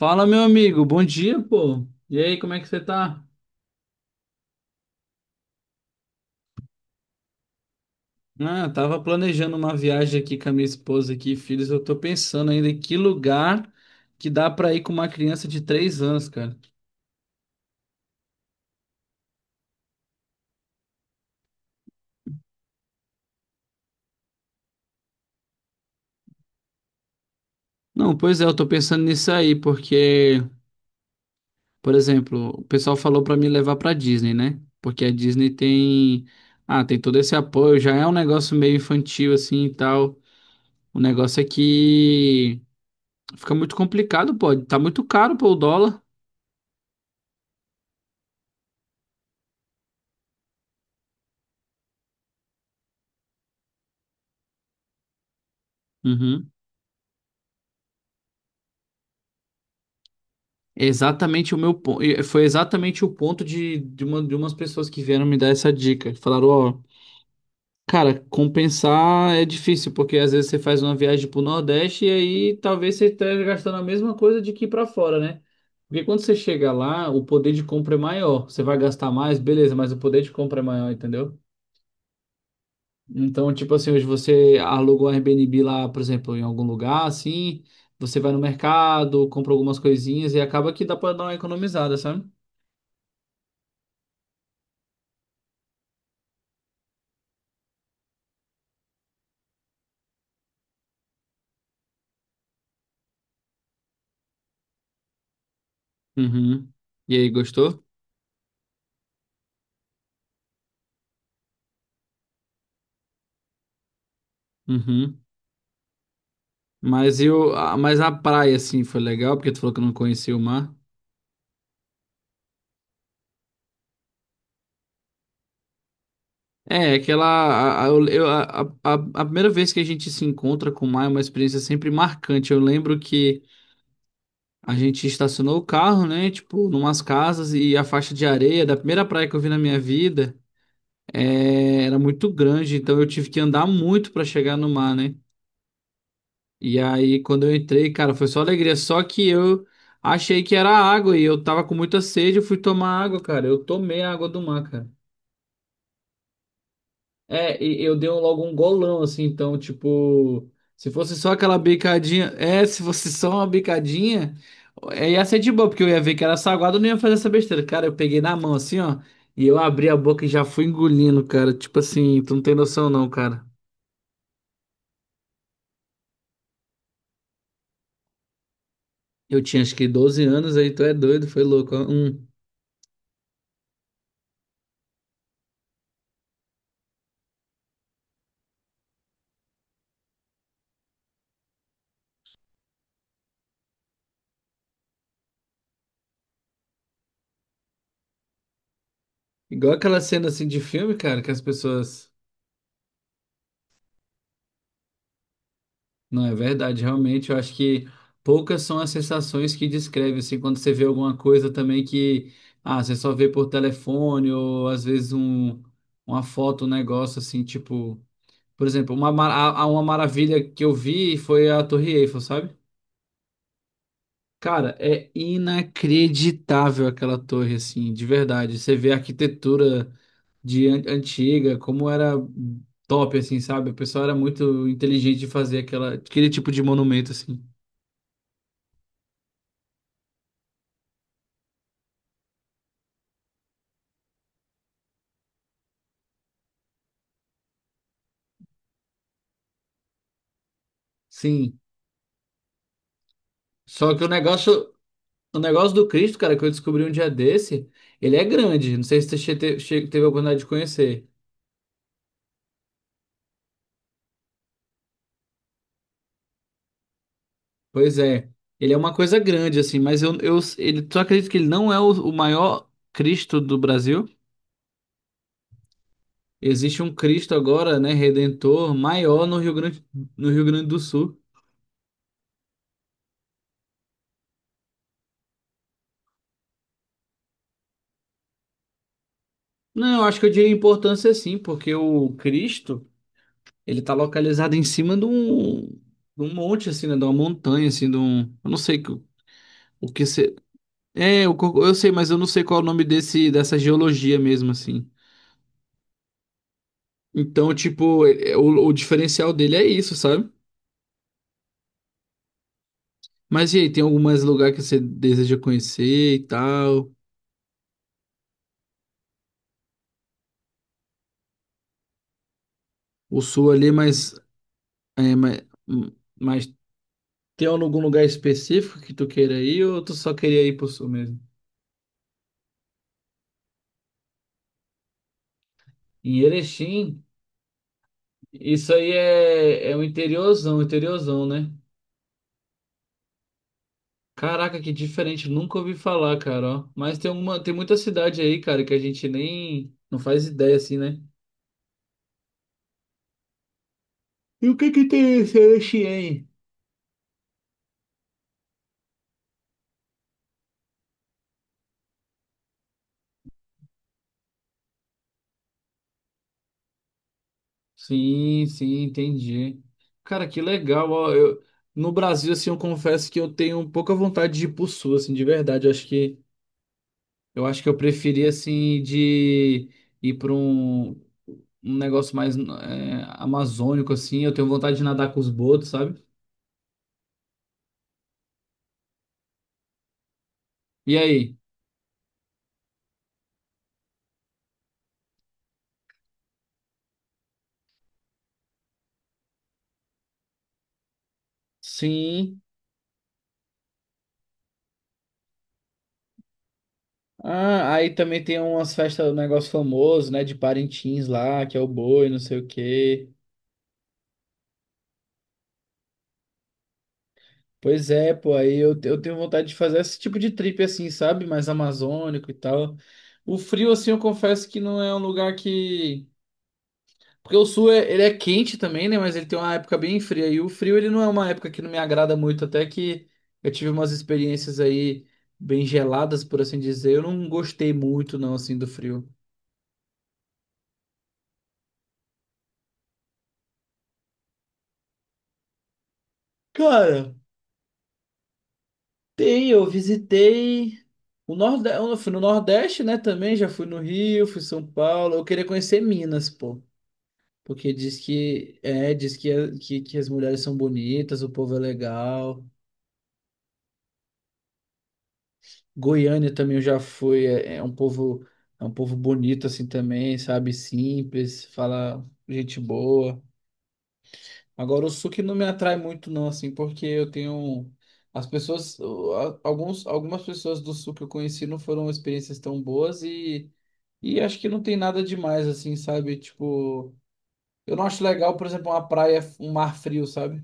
Fala, meu amigo, bom dia, pô. E aí, como é que você tá? Ah, eu tava planejando uma viagem aqui com a minha esposa aqui, filhos. Eu tô pensando ainda em que lugar que dá pra ir com uma criança de 3 anos, cara. Não, pois é, eu tô pensando nisso aí, porque, por exemplo, o pessoal falou pra me levar pra Disney, né? Porque a Disney tem, tem todo esse apoio, já é um negócio meio infantil assim e tal. O negócio é que fica muito complicado, pô. Tá muito caro, pô, o dólar. Uhum. Exatamente o meu ponto. Foi exatamente o ponto de umas pessoas que vieram me dar essa dica. Falaram, ó, cara, compensar é difícil, porque às vezes você faz uma viagem pro Nordeste e aí talvez você esteja gastando a mesma coisa de que ir pra fora, né? Porque quando você chega lá, o poder de compra é maior. Você vai gastar mais, beleza, mas o poder de compra é maior, entendeu? Então, tipo assim, hoje você alugou um Airbnb lá, por exemplo, em algum lugar, assim, você vai no mercado, compra algumas coisinhas e acaba que dá pra dar uma economizada, sabe? Uhum. E aí, gostou? Uhum. Mas e mas a praia, assim, foi legal, porque tu falou que não conhecia o mar. É, aquela. A, eu- a A primeira vez que a gente se encontra com o mar é uma experiência sempre marcante. Eu lembro que a gente estacionou o carro, né? Tipo, numas casas, e a faixa de areia da primeira praia que eu vi na minha vida era muito grande, então eu tive que andar muito pra chegar no mar, né? E aí, quando eu entrei, cara, foi só alegria. Só que eu achei que era água e eu tava com muita sede. Eu fui tomar água, cara. Eu tomei a água do mar, cara. É, e eu dei logo um golão, assim. Então, tipo, se fosse só aquela bicadinha. É, se fosse só uma bicadinha, é, ia ser de boa, porque eu ia ver que era saguado, eu não ia fazer essa besteira. Cara, eu peguei na mão, assim, ó. E eu abri a boca e já fui engolindo, cara. Tipo assim, tu não tem noção, não, cara. Eu tinha acho que 12 anos, aí tu é doido, foi louco. Ó. Hum. Igual aquela cena assim de filme, cara, que as pessoas. Não, é verdade, realmente. Eu acho que poucas são as sensações que descreve, assim, quando você vê alguma coisa também que. Ah, você só vê por telefone, ou às vezes um, uma foto, um negócio assim, tipo. Por exemplo, uma, ma- a- uma maravilha que eu vi foi a Torre Eiffel, sabe? Cara, é inacreditável aquela torre, assim, de verdade. Você vê a arquitetura antiga, como era top, assim, sabe? O pessoal era muito inteligente de fazer aquele tipo de monumento, assim. Sim. Só que o negócio do Cristo, cara, que eu descobri um dia desse, ele é grande. Não sei se você teve a oportunidade de conhecer. Pois é. Ele é uma coisa grande, assim, mas tu acredita que ele não é o maior Cristo do Brasil? Existe um Cristo agora, né, redentor maior no Rio Grande, no Rio Grande do Sul. Não, eu acho que eu diria importância sim, porque o Cristo, ele tá localizado em cima de um monte assim, né, de uma montanha assim, de um, eu não sei que- o que se É, eu, eu sei, mas eu não sei qual é o nome desse dessa geologia mesmo assim. Então, tipo, o diferencial dele é isso, sabe? Mas e aí, tem algum mais lugar que você deseja conhecer e tal? O sul ali, mas é, mas- mais. Tem algum lugar específico que tu queira ir ou tu só queria ir pro sul mesmo? Em Erechim, isso aí é, é um interiorzão, interiorzão, né? Caraca, que diferente, nunca ouvi falar, cara, ó. Mas tem uma, tem muita cidade aí, cara, que a gente nem não faz ideia assim, né? E o que que tem esse Erechim aí? Sim, sim, entendi. Cara, que legal, ó. Eu, no Brasil, assim, eu confesso que eu tenho pouca vontade de ir pro sul, assim, de verdade. Eu acho que eu acho que eu preferi assim de ir para um, um negócio mais é, amazônico assim. Eu tenho vontade de nadar com os botos, sabe? E aí? Sim. Ah, aí também tem umas festas, um negócio famoso, né? De Parintins lá, que é o boi, não sei o quê. Pois é, pô, aí eu tenho vontade de fazer esse tipo de trip assim, sabe? Mais amazônico e tal. O frio, assim, eu confesso que não é um lugar que. Porque o sul é, ele é quente também, né? Mas ele tem uma época bem fria. E o frio, ele não é uma época que não me agrada muito. Até que eu tive umas experiências aí bem geladas, por assim dizer. Eu não gostei muito, não, assim, do frio. Cara, tem, eu visitei o Nordeste, eu fui no Nordeste, né, também, já fui no Rio, fui em São Paulo. Eu queria conhecer Minas, pô, porque diz que é, que as mulheres são bonitas, o povo é legal. Goiânia também eu já fui, é um povo bonito assim também, sabe? Simples, fala gente boa. Agora o sul que não me atrai muito não assim, porque eu tenho as pessoas, algumas pessoas do sul que eu conheci não foram experiências tão boas, e acho que não tem nada demais assim, sabe? Tipo, eu não acho legal, por exemplo, uma praia, um mar frio, sabe?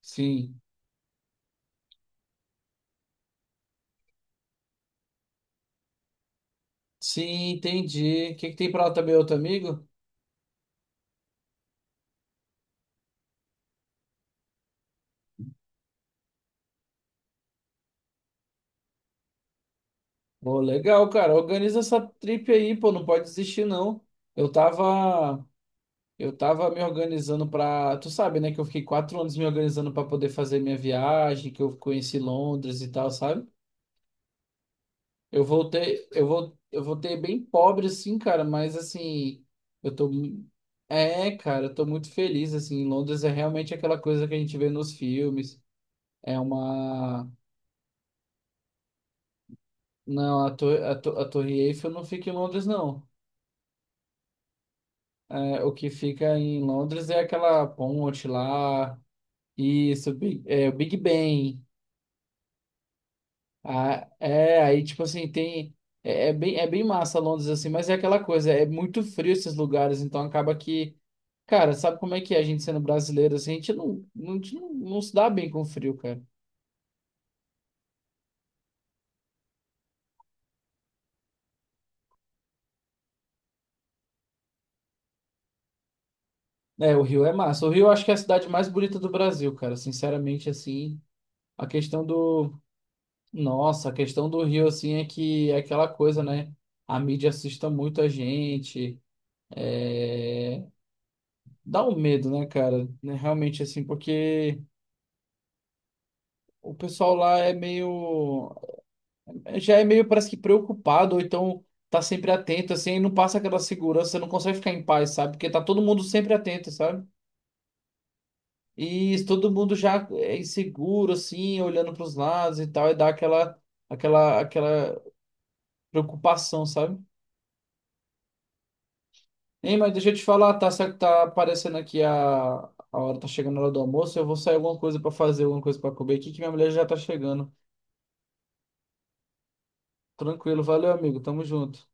Sim. Sim, entendi. O que que tem pra lá também, outro amigo? Pô, legal, cara. Organiza essa trip aí, pô. Não pode desistir, não. Eu tava, eu tava me organizando pra. Tu sabe, né? Que eu fiquei 4 anos me organizando pra poder fazer minha viagem, que eu conheci Londres e tal, sabe? Eu voltei, eu voltei bem pobre, assim, cara. Mas assim, eu tô, mu- é, cara, eu tô muito feliz, assim. Londres é realmente aquela coisa que a gente vê nos filmes. É uma, não, a Torre Eiffel não fica em Londres, não. É, o que fica em Londres é aquela ponte lá, o Big Ben. Ah, é, aí tipo assim, tem. É, é bem massa Londres assim, mas é aquela coisa, é muito frio esses lugares, então acaba que. Cara, sabe como é que é a gente sendo brasileiro assim? A gente a gente não se dá bem com o frio, cara. É, o Rio é massa. O Rio eu acho que é a cidade mais bonita do Brasil, cara, sinceramente assim. A questão do nossa, a questão do Rio, assim, é que é aquela coisa, né? A mídia assusta muito a gente. é, Dá um medo, né, cara? Né, Realmente, assim, porque o pessoal lá é meio... Já é meio, parece que preocupado, ou então tá sempre atento, assim, e não passa aquela segurança, não consegue ficar em paz, sabe? Porque tá todo mundo sempre atento, sabe? E todo mundo já é inseguro, assim, olhando pros lados e tal, e dá aquela preocupação, sabe? Ei, mas deixa eu te falar, tá certo, tá aparecendo aqui a hora, tá chegando a hora do almoço. Eu vou sair alguma coisa pra fazer, alguma coisa pra comer aqui, que minha mulher já tá chegando. Tranquilo, valeu, amigo, tamo junto.